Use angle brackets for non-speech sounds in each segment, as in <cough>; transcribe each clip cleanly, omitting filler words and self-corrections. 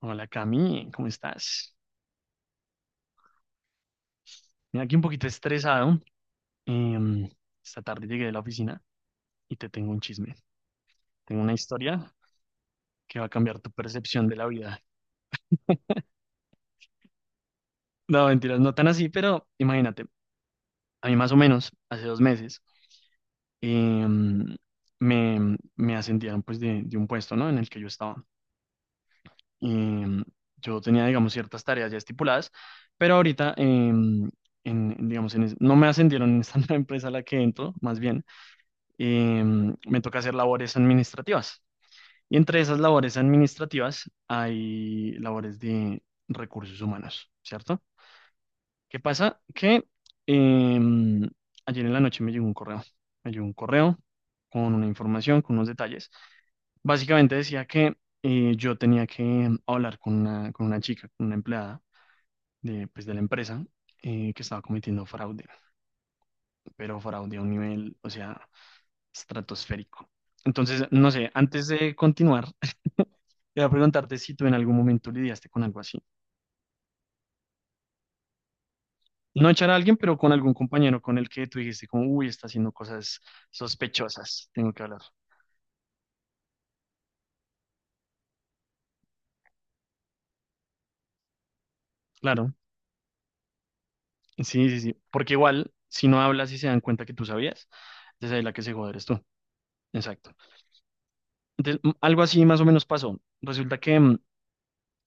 Hola Cami, ¿cómo estás? Mira, aquí un poquito estresado. Em, Esta tarde llegué de la oficina y te tengo un chisme. Tengo una historia que va a cambiar tu percepción de la vida. <laughs> No, mentiras, no tan así, pero imagínate, a mí más o menos, hace 2 meses, em, me ascendieron pues de un puesto, ¿no? En el que yo estaba. em, yo tenía, digamos, ciertas tareas ya estipuladas, pero ahorita, em, en, digamos, en es- no me ascendieron en esta <laughs> nueva empresa a la que entro, más bien, me toca hacer labores administrativas. Y entre esas labores administrativas hay labores de recursos humanos, ¿cierto? ¿Qué pasa? Que em, ayer en la noche me llegó un correo. Me llegó un correo con una información, con unos detalles. Básicamente decía que yo tenía que hablar con una chica, con una empleada de, pues, de la empresa que estaba cometiendo fraude, pero fraude a un nivel, o sea, estratosférico. Entonces, no sé, antes de continuar, <laughs> quería preguntarte si tú en algún momento lidiaste con algo así. No echar a alguien, pero con algún compañero con el que tú dijiste, como, uy, está haciendo cosas sospechosas, tengo que hablar. Claro, sí, sí, sí. Porque igual, si no hablas y se dan cuenta que tú sabías, entonces ahí la que se joder eres tú. Exacto. Entonces, algo así más o menos pasó. Resulta que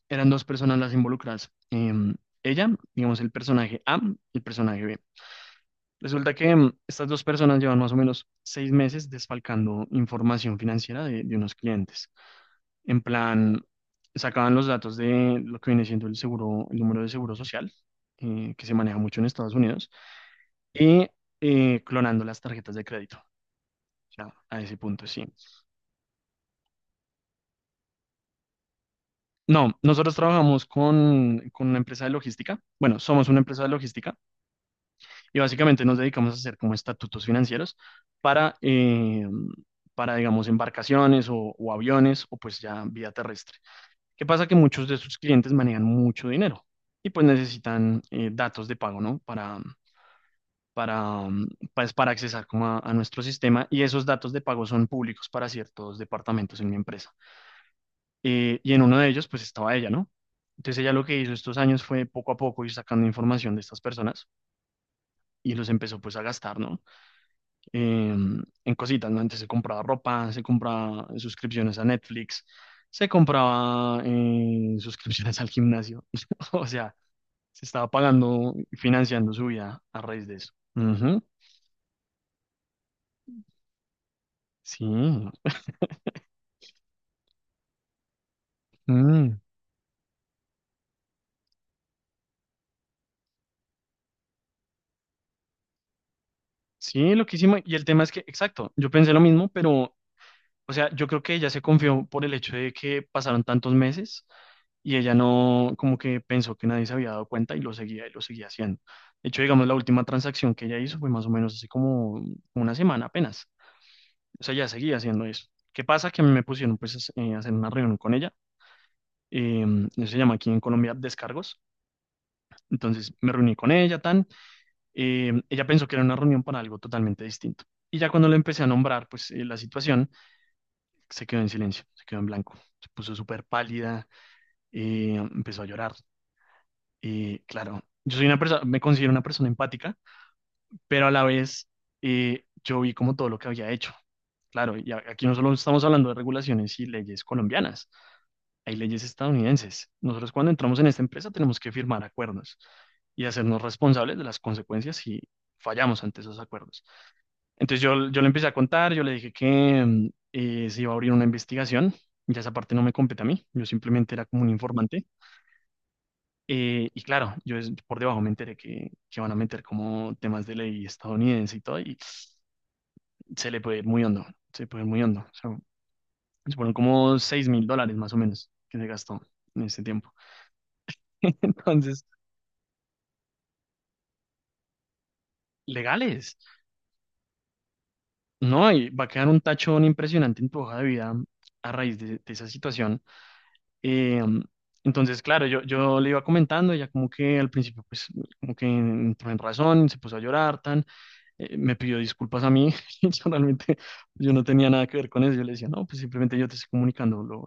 eran dos personas las involucradas. Ella, digamos, el personaje A, el personaje B. Resulta que estas dos personas llevan más o menos 6 meses desfalcando información financiera de unos clientes. En plan, sacaban los datos de lo que viene siendo el seguro, el número de seguro social, que se maneja mucho en Estados Unidos, y clonando las tarjetas de crédito. O sea, a ese punto, sí. No, nosotros trabajamos con una empresa de logística. Bueno, somos una empresa de logística y básicamente nos dedicamos a hacer como estatutos financieros para, eh, para digamos, embarcaciones o, aviones o pues ya vía terrestre. ¿Qué pasa? Que muchos de sus clientes manejan mucho dinero y pues necesitan datos de pago, ¿no? Para, mm, pues, para accesar como a nuestro sistema, y esos datos de pago son públicos para ciertos departamentos en mi empresa. Y en uno de ellos pues estaba ella, ¿no? Entonces ella lo que hizo estos años fue poco a poco ir sacando información de estas personas y los empezó pues a gastar, ¿no? Eh, en cositas, ¿no? Antes se compraba ropa, se compraba suscripciones a Netflix, se compraba <laughs> suscripciones al gimnasio, <laughs> o sea, se estaba pagando y financiando su vida a raíz de eso. Ujú. Sí. Mm. Sí, loquísimo. Y el tema es que, exacto, yo pensé lo mismo, pero, o sea, yo creo que ella se confió por el hecho de que pasaron tantos meses y ella no, como que pensó que nadie se había dado cuenta y lo seguía haciendo. De hecho, digamos, la última transacción que ella hizo fue más o menos hace como una semana apenas. O sea, ya seguía haciendo eso. ¿Qué pasa? Que a mí me pusieron pues a hacer una reunión con ella. Eh, Eso se llama aquí en Colombia descargos. Entonces me reuní con ella, tan. Ella pensó que era una reunión para algo totalmente distinto. Y ya cuando lo empecé a nombrar, pues la situación se quedó en silencio, se quedó en blanco. Se puso súper pálida, empezó a llorar. Y claro, yo soy una persona, me considero una persona empática, pero a la vez yo vi como todo lo que había hecho. Claro, y aquí no solo estamos hablando de regulaciones y leyes colombianas, hay leyes estadounidenses. Nosotros cuando entramos en esta empresa tenemos que firmar acuerdos y hacernos responsables de las consecuencias si fallamos ante esos acuerdos. Entonces yo, le empecé a contar. Yo le dije que se iba a abrir una investigación, ya esa parte no me compete a mí, yo simplemente era como un informante. Y claro, por debajo me enteré que van a meter como temas de ley estadounidense y todo, y se le puede ir muy hondo, se le puede ir muy hondo. O sea, fueron como $6.000 más o menos que se gastó en ese tiempo. <laughs> Legales, ¿no? Y va a quedar un tachón impresionante en tu hoja de vida a raíz de esa situación. Eh, entonces, claro, yo, le iba comentando. Ella como que al principio, pues, como que entró en razón, se puso a llorar, tan, me pidió disculpas a mí, <laughs> y yo realmente, yo no tenía nada que ver con eso, yo le decía, no, pues simplemente yo te estoy comunicando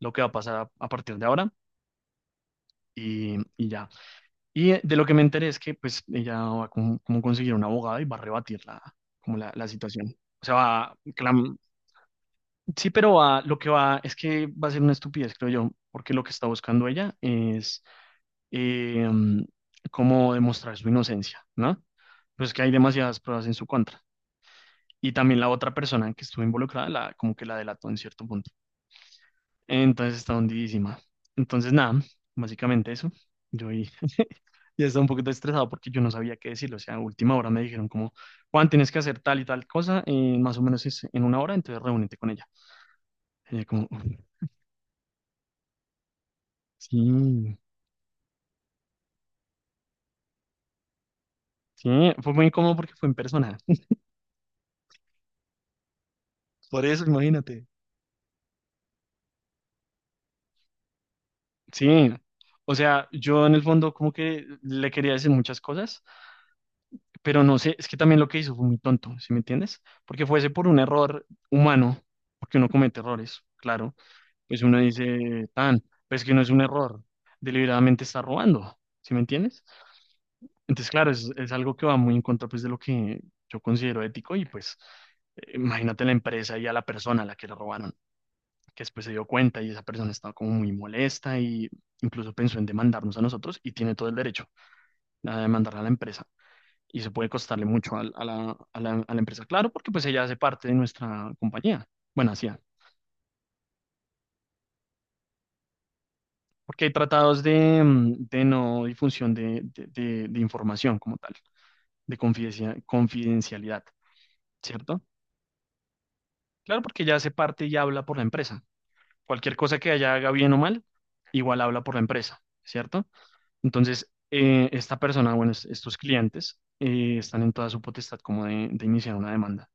lo que va a pasar a partir de ahora. Y ya. Y de lo que me enteré es que pues ella va a como, conseguir un abogado, y va a rebatir la, la situación. O sea, va, a clam Sí, pero va, lo que va es que va a ser una estupidez, creo yo, porque lo que está buscando ella es eh, mm, cómo demostrar su inocencia, ¿no? Pues que hay demasiadas pruebas en su contra. Y también la otra persona que estuvo involucrada, la, como que la delató en cierto punto. Entonces está hundidísima. Entonces, nada, básicamente eso. Yo ahí <laughs> ya estaba un poquito estresado porque yo no sabía qué decirlo. O sea, a última hora me dijeron como, "Juan, tienes que hacer tal y tal cosa, más o menos es en una hora, entonces reúnete con ella". Y yo como, "Uf, sí". Sí, fue muy incómodo porque fue en persona. <laughs> Por eso, imagínate. Sí. O sea, yo en el fondo como que le quería decir muchas cosas, pero no sé, es que también lo que hizo fue muy tonto, ¿sí me entiendes? Porque fuese por un error humano, porque uno comete errores, claro. Pues uno dice, tan, pues que no es un error, deliberadamente está robando, ¿sí me entiendes? Entonces, claro, es algo que va muy en contra pues de lo que yo considero ético, y pues imagínate la empresa y a la persona a la que le robaron, que después se dio cuenta, y esa persona estaba como muy molesta y incluso pensó en demandarnos a nosotros, y tiene todo el derecho a demandar a la empresa. Y eso puede costarle mucho a la empresa, claro, porque pues ella hace parte de nuestra compañía. Bueno, hacía, porque hay tratados de no difusión de información como tal, de confidencialidad, ¿cierto? Claro, porque ella hace parte y habla por la empresa. Cualquier cosa que ella haga bien o mal, igual habla por la empresa, ¿cierto? Entonces, esta persona, bueno, estos clientes están en toda su potestad como de, iniciar una demanda,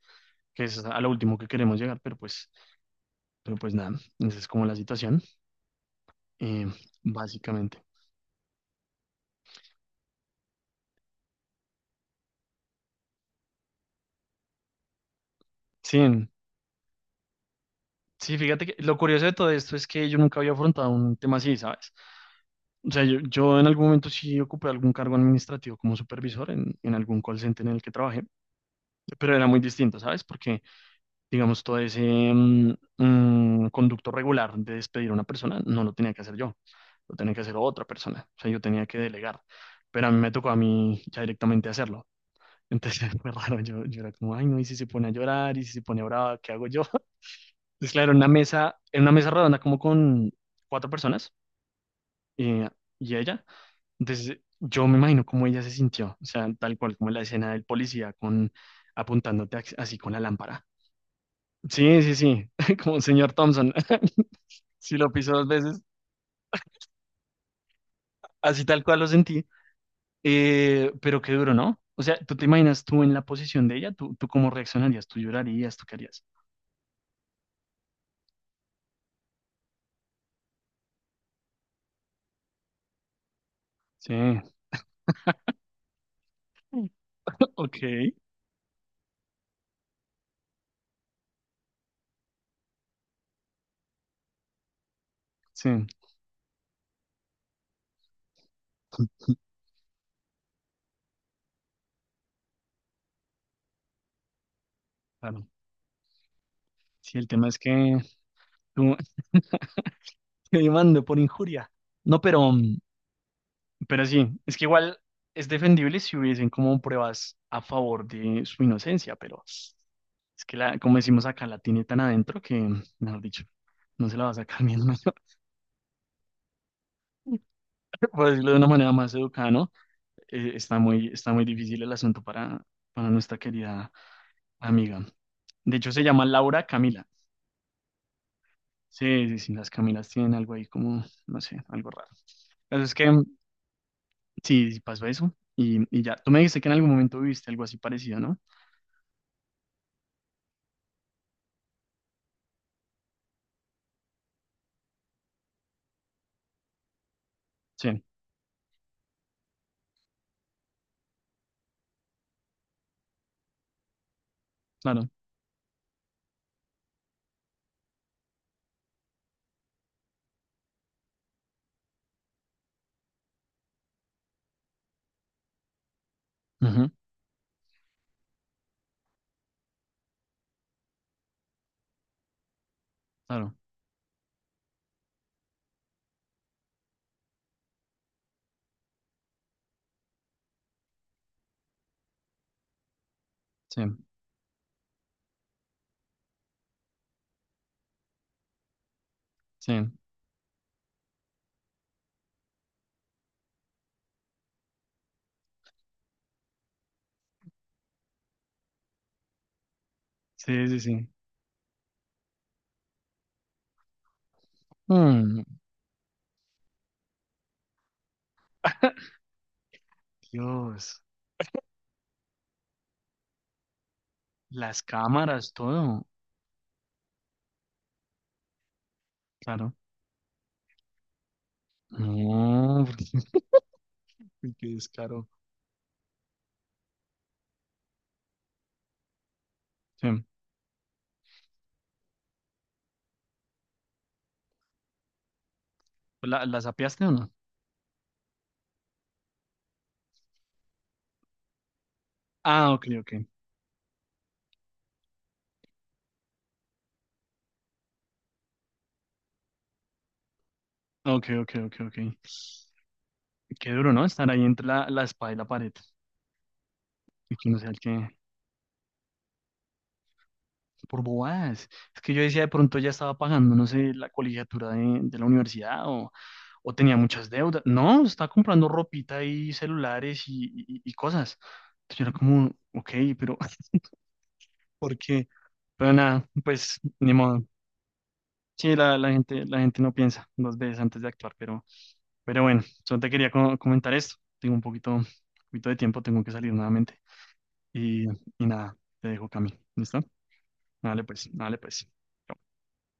que es a lo último que queremos llegar, pero pues, nada, esa es como la situación, eh, básicamente. Sí, sí, fíjate que lo curioso de todo esto es que yo nunca había afrontado un tema así, ¿sabes? O sea, yo, en algún momento sí ocupé algún cargo administrativo como supervisor en algún call center en el que trabajé, pero era muy distinto, ¿sabes? Porque digamos, todo ese conducto regular de despedir a una persona, no lo tenía que hacer yo, lo tenía que hacer otra persona, o sea, yo tenía que delegar, pero a mí me tocó a mí ya directamente hacerlo. Entonces <laughs> fue raro, yo, era como, ay no, y si se pone a llorar, y si se pone brava, ¿qué hago yo? <laughs> Entonces, claro, en una mesa, redonda como con cuatro personas eh, y ella, entonces yo me imagino cómo ella se sintió, o sea, tal cual como la escena del policía con apuntándote así con la lámpara. Sí, sí, sí, <laughs> como el señor Thompson. <laughs> Sí, lo piso dos veces, así tal cual lo sentí, pero qué duro, ¿no? O sea, ¿tú te imaginas tú en la posición de ella? ¿Tú, tú cómo reaccionarías? ¿Tú llorarías? ¿Tú qué harías? Sí, ok, sí, claro. Sí, el tema es que tú <laughs> te demando por injuria. No, pero sí, es que igual es defendible si hubiesen como pruebas a favor de su inocencia, pero es que la, como decimos acá, la tiene tan adentro que, mejor dicho, no se la va a sacar <laughs> ni en medio, <laughs> por decirlo de una manera más educada, ¿no? Está muy, difícil el asunto para nuestra querida amiga. De hecho, se llama Laura Camila. Sí, sí, sí, las Camilas tienen algo ahí como, no sé, algo raro. Pero es que sí, sí pasó eso, y ya. Tú me dijiste que en algún momento viviste algo así parecido, ¿no? Sí, claro. Ujú, claro. Sí, sí, sí, sí, sí. Mm. <laughs> Dios, las cámaras, todo. Claro. No, qué descaro. Sí. ¿Las apiaste o no? Ah, ok, ok. Ok, ok, ok, ok. Qué duro, ¿no? Estar ahí entre la espada y la pared. Y que no sea el que... Por bobadas. Es que yo decía, de pronto ya estaba pagando, no sé, la colegiatura de la universidad, o tenía muchas deudas. No, estaba comprando ropita y celulares y cosas. Entonces yo era como, ok, pero <laughs> ¿por qué? Pero nada, pues ni modo. Sí, la gente no piensa dos veces antes de actuar, pero bueno, solo te quería comentar esto. Tengo un poquito de tiempo, tengo que salir nuevamente. Y, y nada, te dejo, Cami. ¿Listo? Dale pues, dale pues.